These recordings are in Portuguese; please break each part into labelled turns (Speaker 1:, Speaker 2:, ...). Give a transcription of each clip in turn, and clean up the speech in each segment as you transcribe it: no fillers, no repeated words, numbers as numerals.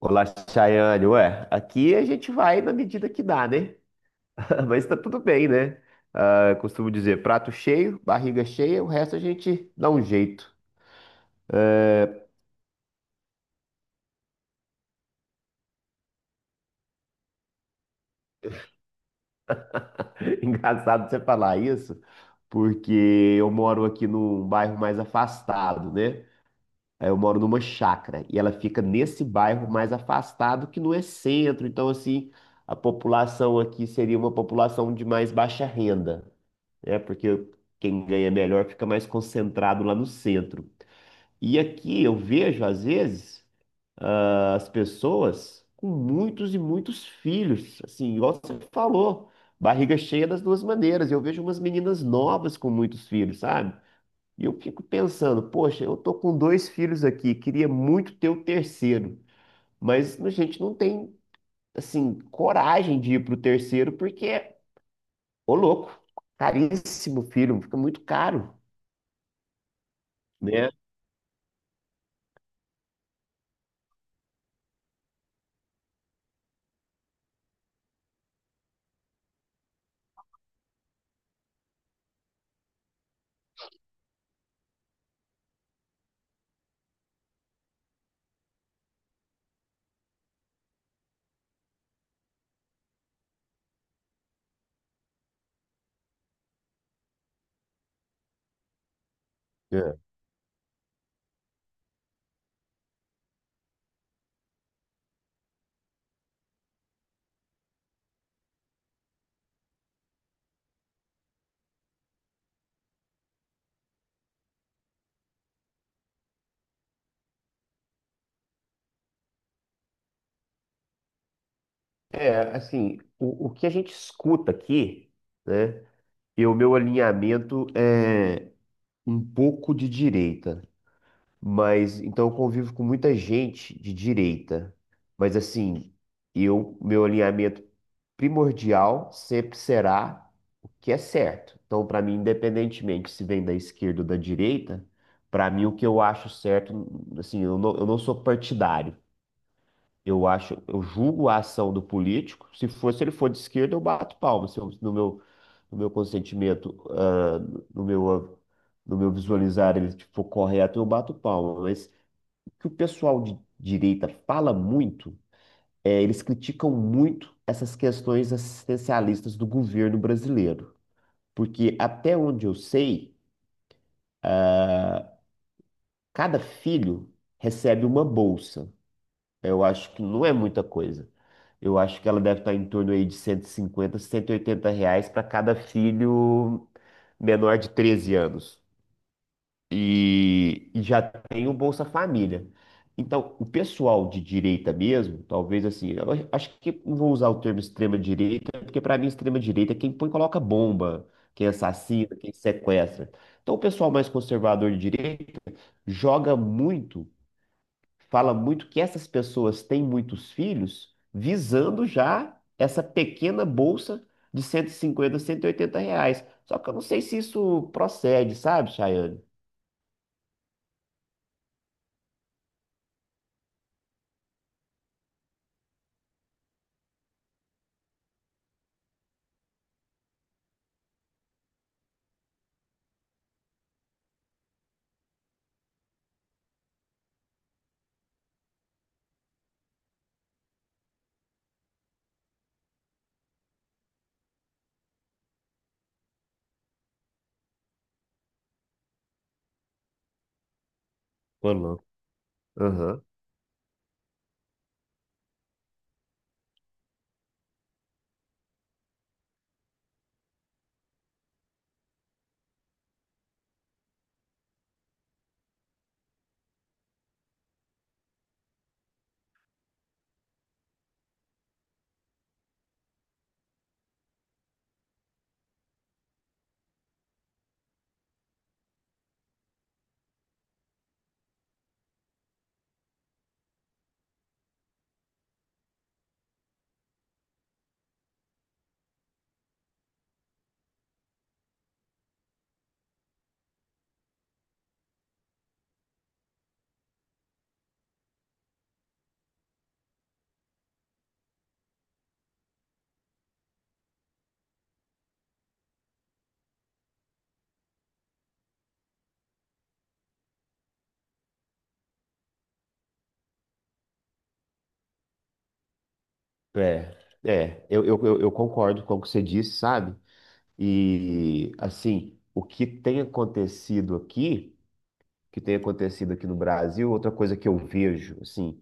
Speaker 1: Olá, Chayane. Ué, aqui a gente vai na medida que dá, né? Mas tá tudo bem, né? Ah, eu costumo dizer, prato cheio, barriga cheia, o resto a gente dá um jeito. Engraçado você falar isso, porque eu moro aqui num bairro mais afastado, né? Eu moro numa chácara e ela fica nesse bairro mais afastado que não é centro. Então, assim, a população aqui seria uma população de mais baixa renda. Né? Porque quem ganha melhor fica mais concentrado lá no centro. E aqui eu vejo, às vezes, as pessoas com muitos e muitos filhos, assim, igual você falou, barriga cheia das duas maneiras. Eu vejo umas meninas novas com muitos filhos, sabe? E eu fico pensando, poxa, eu tô com dois filhos aqui, queria muito ter o terceiro, mas a gente não tem, assim, coragem de ir pro terceiro porque, ô louco, caríssimo filho, fica muito caro. Né? É. É, assim, o que a gente escuta aqui, né? E o meu alinhamento é um pouco de direita, mas então eu convivo com muita gente de direita. Mas assim, eu, meu alinhamento primordial sempre será o que é certo. Então, para mim, independentemente se vem da esquerda ou da direita, para mim o que eu acho certo, assim, eu não sou partidário. Eu acho, eu julgo a ação do político. Se for, se ele for de esquerda, eu bato palma, se eu- no meu consentimento, no meu, no meu visualizar ele tipo, for correto, eu bato palma. Mas o que o pessoal de direita fala muito é, eles criticam muito essas questões assistencialistas do governo brasileiro. Porque até onde eu sei, cada filho recebe uma bolsa. Eu acho que não é muita coisa. Eu acho que ela deve estar em torno aí de 150, R$ 180 para cada filho menor de 13 anos. E já tem o Bolsa Família. Então, o pessoal de direita mesmo, talvez assim, eu acho que não vou usar o termo extrema direita, porque para mim extrema direita é quem põe e coloca bomba, quem assassina, quem sequestra. Então, o pessoal mais conservador de direita joga muito fala muito que essas pessoas têm muitos filhos visando já essa pequena bolsa de cento e cinquenta R$ 180. Só que eu não sei se isso procede, sabe, Chayane? Ou não. Aham. É, é, eu concordo com o que você disse, sabe? E, assim, o que tem acontecido aqui, o que tem acontecido aqui no Brasil, outra coisa que eu vejo, assim,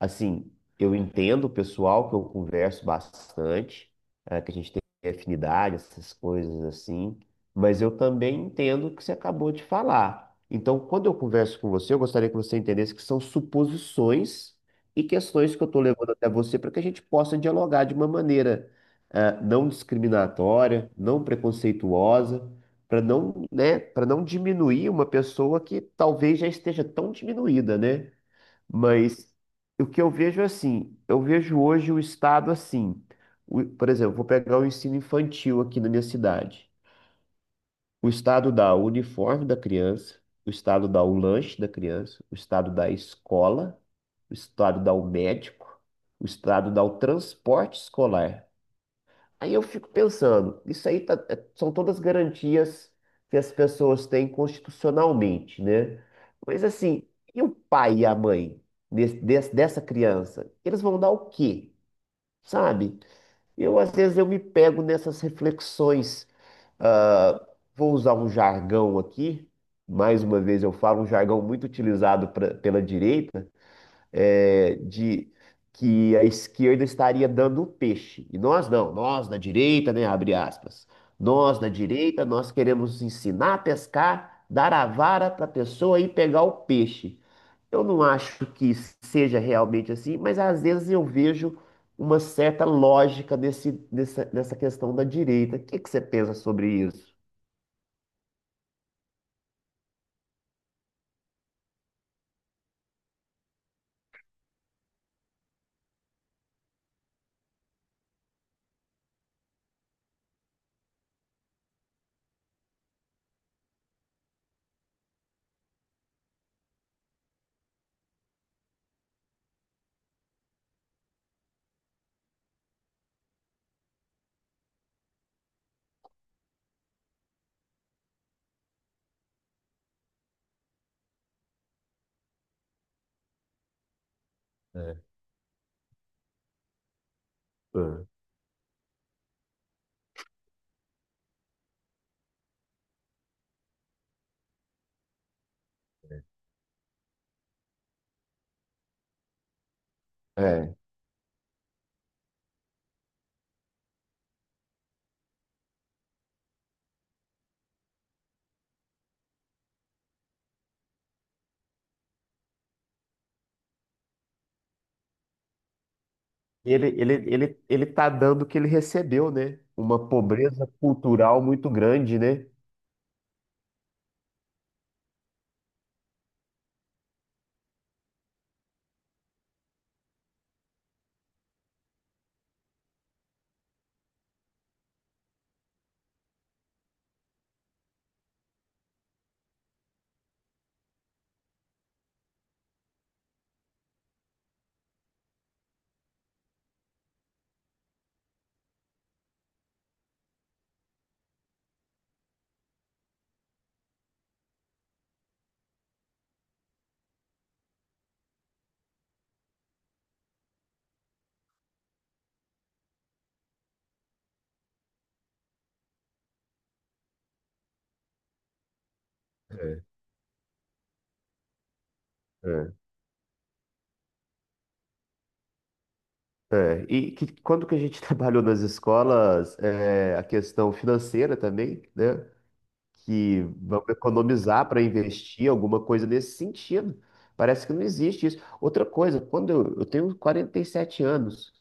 Speaker 1: Assim, eu entendo o pessoal que eu converso bastante, que a gente tem afinidade, essas coisas assim, mas eu também entendo o que você acabou de falar. Então, quando eu converso com você, eu gostaria que você entendesse que são suposições e questões que eu estou levando até você para que a gente possa dialogar de uma maneira, não discriminatória, não preconceituosa, para não, né, para não diminuir uma pessoa que talvez já esteja tão diminuída, né? Mas o que eu vejo é assim, eu vejo hoje o Estado assim. Por exemplo, vou pegar o ensino infantil aqui na minha cidade. O Estado dá o uniforme da criança, o Estado dá o lanche da criança, o Estado dá a escola, o Estado dá o médico, o Estado dá o transporte escolar. Aí eu fico pensando, isso aí são todas garantias que as pessoas têm constitucionalmente, né? Mas assim, e o pai e a mãe dessa criança? Eles vão dar o quê? Sabe? Eu, às vezes, eu me pego nessas reflexões. ah, Vou usar um jargão aqui. Mais uma vez, eu falo um jargão muito utilizado pela direita de que a esquerda estaria dando o peixe. E nós não, nós da direita, né, abre aspas. Nós da direita, nós queremos ensinar a pescar, dar a vara para a pessoa e pegar o peixe. Eu não acho que seja realmente assim, mas às vezes eu vejo uma certa lógica nessa questão da direita. O que que você pensa sobre isso? É. Hum. Ele tá dando o que ele recebeu, né? Uma pobreza cultural muito grande, né? É. É. E que, quando que a gente trabalhou nas escolas, a questão financeira também, né? Que vamos economizar para investir alguma coisa nesse sentido. Parece que não existe isso. Outra coisa, quando eu tenho 47 anos.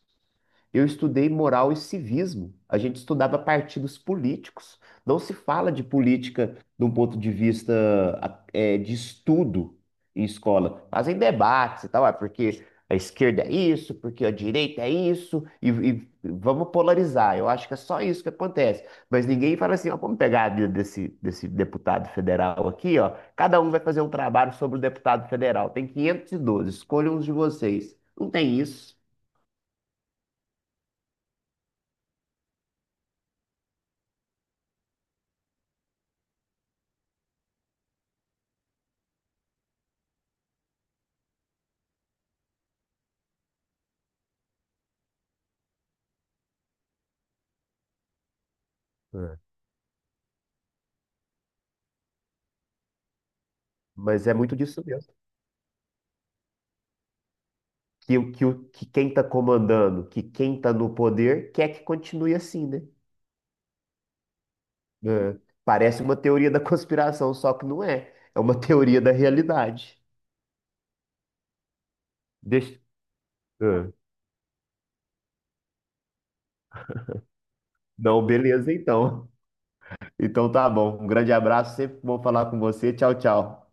Speaker 1: Eu estudei moral e civismo. A gente estudava partidos políticos. Não se fala de política de um ponto de vista de estudo em escola. Fazem debates e tal, porque a esquerda é isso, porque a direita é isso, e vamos polarizar. Eu acho que é só isso que acontece. Mas ninguém fala assim, ó, vamos pegar a vida desse deputado federal aqui, ó. Cada um vai fazer um trabalho sobre o deputado federal. Tem 512. Escolham uns de vocês. Não tem isso. É. Mas é muito disso mesmo. Que quem está comandando, que quem está no poder, quer que continue assim, né? É. Parece uma teoria da conspiração, só que não é. É uma teoria da realidade. Deixa. É. Não, beleza, então. Então tá bom. Um grande abraço, sempre bom falar com você. Tchau, tchau.